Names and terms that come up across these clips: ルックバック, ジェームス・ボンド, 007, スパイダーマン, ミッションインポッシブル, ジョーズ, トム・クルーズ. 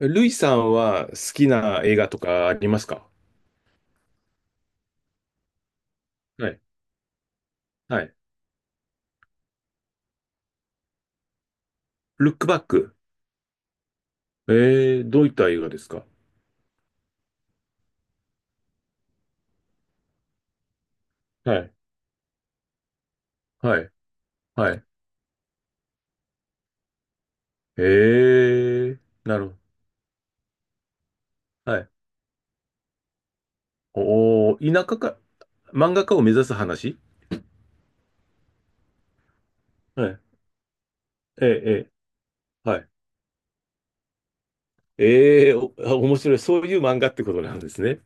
ルイさんは好きな映画とかありますか？はい。はい。ルックバック。どういった映画ですか？はい。はい。はい。えー、なるほど。はい。おー、田舎か、漫画家を目指す話。はい。えー、えはい。えー、お、あ、面白い。そういう漫画ってことなんですね。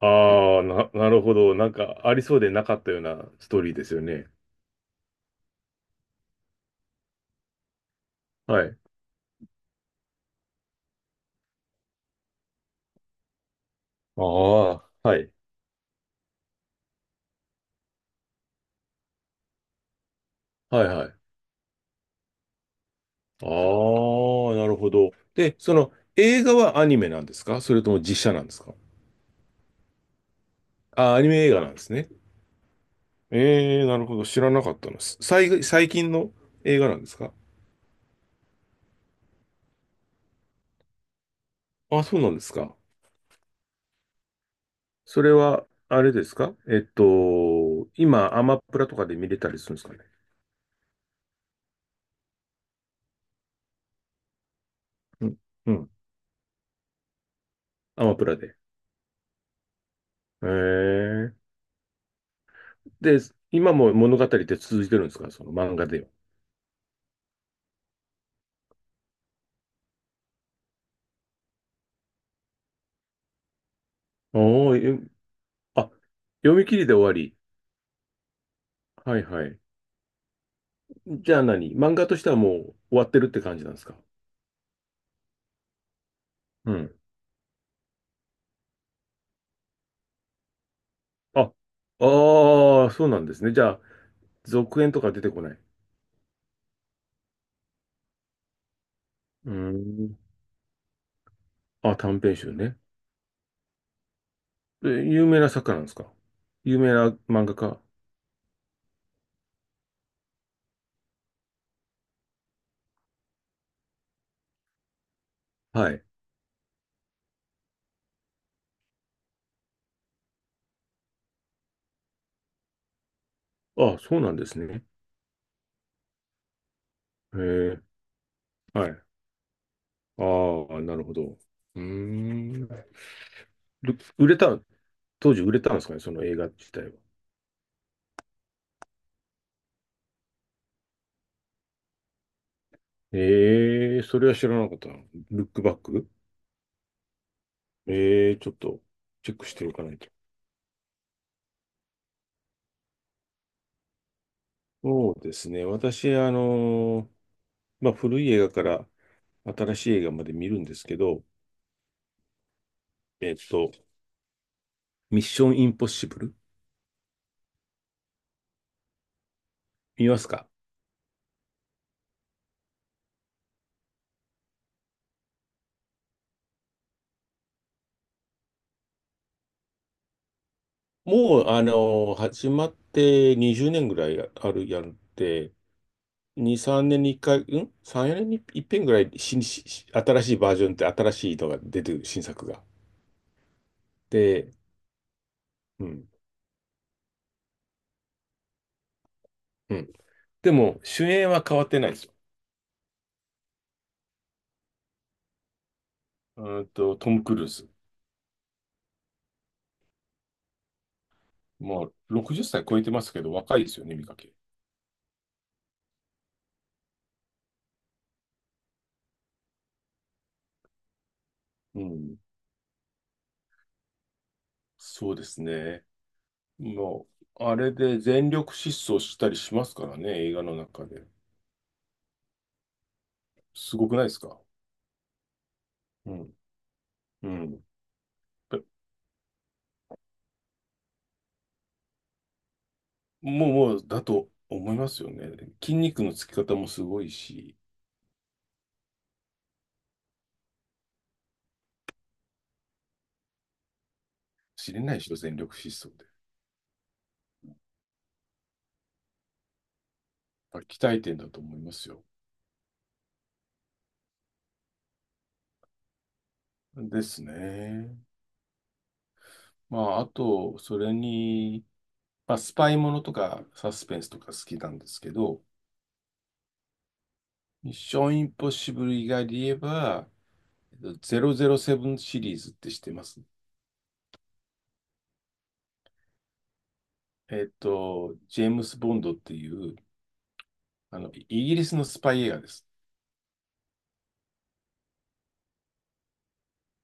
ああ、なるほど。なんか、ありそうでなかったようなストーリーですよね。はい。ああ、はい。はい、はい。ああ、なるほど。で、その映画はアニメなんですか、それとも実写なんですか？あ、アニメ映画なんですね。ええ、なるほど。知らなかったの。最近の映画なんですか？あ、そうなんですか。それは、あれですか、えっと、今、アマプラとかで見れたりするんですかね。うん。うん。アマプラで。ええ。で、今も物語って続いてるんですか、その漫画では。おー、え、あ、読み切りで終わり。はいはい。じゃあ、何、漫画としてはもう終わってるって感じなんですか？うん。あ、ああ、そうなんですね。じゃあ、続編とか出てこない。うーん。あ、短編集ね。え、有名な作家なんですか、有名な漫画家。はい。あ、そうなんですね。へえ、はい。ああ、なるほど。うーん。る売れた、当時売れたんですかね、その映画自体は。ええ、それは知らなかったな。ルックバック。ええ、ちょっとチェックしておかないと。そうですね。私、まあ、古い映画から新しい映画まで見るんですけど、えっと、ミッションインポッシブル見ますか？もう、始まって20年ぐらいあるやんって、2、3年に1回、うん？ 3、4年に1遍ぐらい新しいバージョンって新しいのが出てる、新作が。で、うん、うん。でも、主演は変わってないですよ。うーんと、トム・クルーズ。もう60歳超えてますけど、若いですよね、見かけ。うん。そうですね。もう、あれで全力疾走したりしますからね、映画の中で。すごくないですか？うん。うん。え、もう、だと思いますよね。筋肉のつき方もすごいし、知れないでしょ、全力疾走で。やっぱ鍛えてんだと思いますよ。ですね。まあ、あと、それに、まあ、スパイものとかサスペンスとか好きなんですけど、ミッションインポッシブル以外で言えば、007シリーズって知ってますジェームス・ボンドっていう、あの、イギリスのスパイ映画です。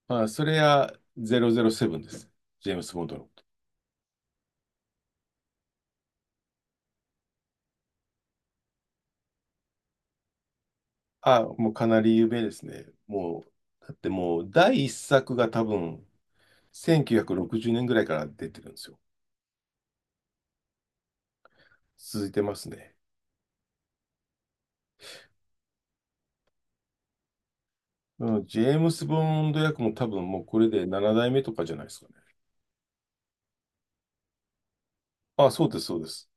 まあ、それは007です。ジェームス・ボンドのこと。あ、もうかなり有名ですね。もう、だってもう、第一作が多分、1960年ぐらいから出てるんですよ。続いてますね。うん、ジェームス・ボンド役も多分もうこれで7代目とかじゃないですかね。あ、そうです、そうです。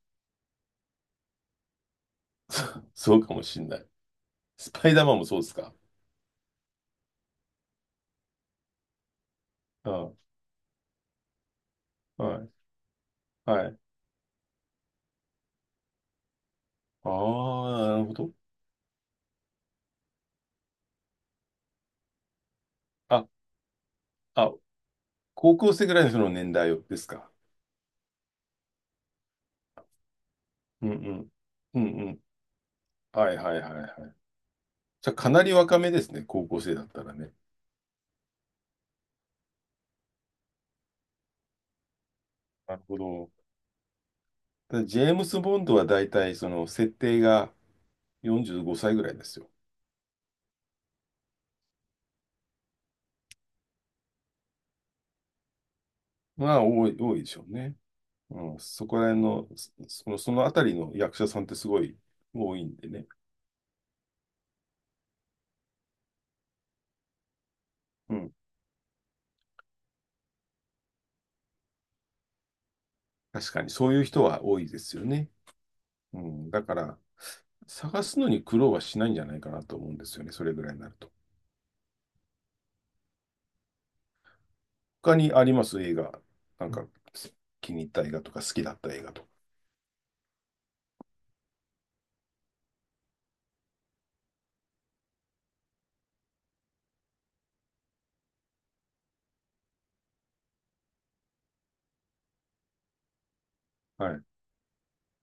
そうかもしんない。スパイダーマンもそうですか。あ、はい、はい。ああ、なるほど。あ、あ、高校生ぐらいのその年代ですか。うんうん。うんうん。はいはいはいはい。じゃあ、かなり若めですね、高校生だったらね。なるほど。ただ、ジェームス・ボンドは大体その設定が45歳ぐらいですよ。多いでしょうね。うん、そこら辺の、その、そのあたりの役者さんってすごい多いんでね。うん。確かにそういう人は多いですよね。うん。だから、探すのに苦労はしないんじゃないかなと思うんですよね。それぐらいになると。他にあります、映画。なんか、気に入った映画とか、好きだった映画とか。はい。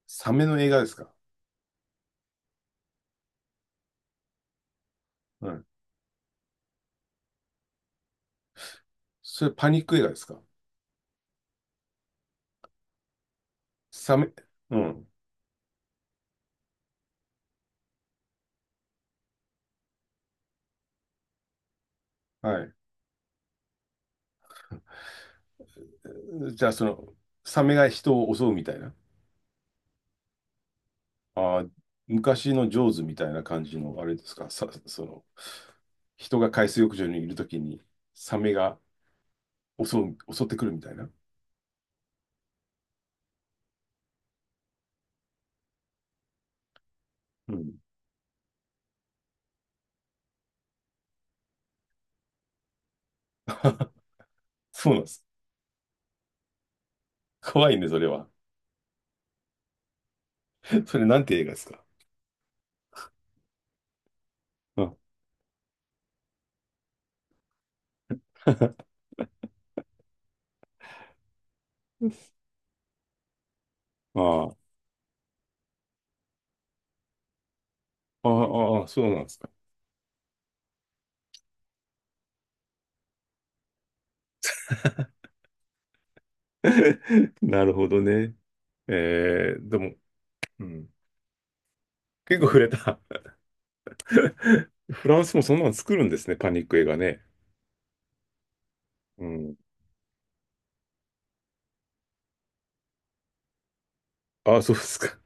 サメの映画ですか？うん。それ、パニック映画ですか？サメ、うん。はい。じゃあ、その、サメが人を襲うみたいな。ああ、昔のジョーズみたいな感じの、あれですか、さ、その、人が海水浴場にいるときに、サメが襲う、襲ってくるみたいな。うん。そうなんです。怖いね、それは。それなんて映画ですか？うん。 ああ、ああ、そうなんですか。なるほどね。えー、でも、うん、結構触れた。フランスもそんなの作るんですね、パニック映画ね。うん。あ、そうですか。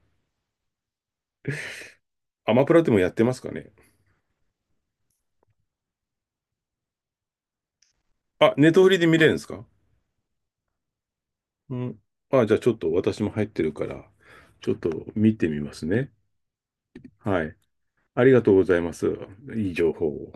アマプラでもやってますかね。あ、ネットフリで見れるんですか？うん。あ、じゃあ、ちょっと私も入ってるから、ちょっと見てみますね。はい。ありがとうございます。いい情報を。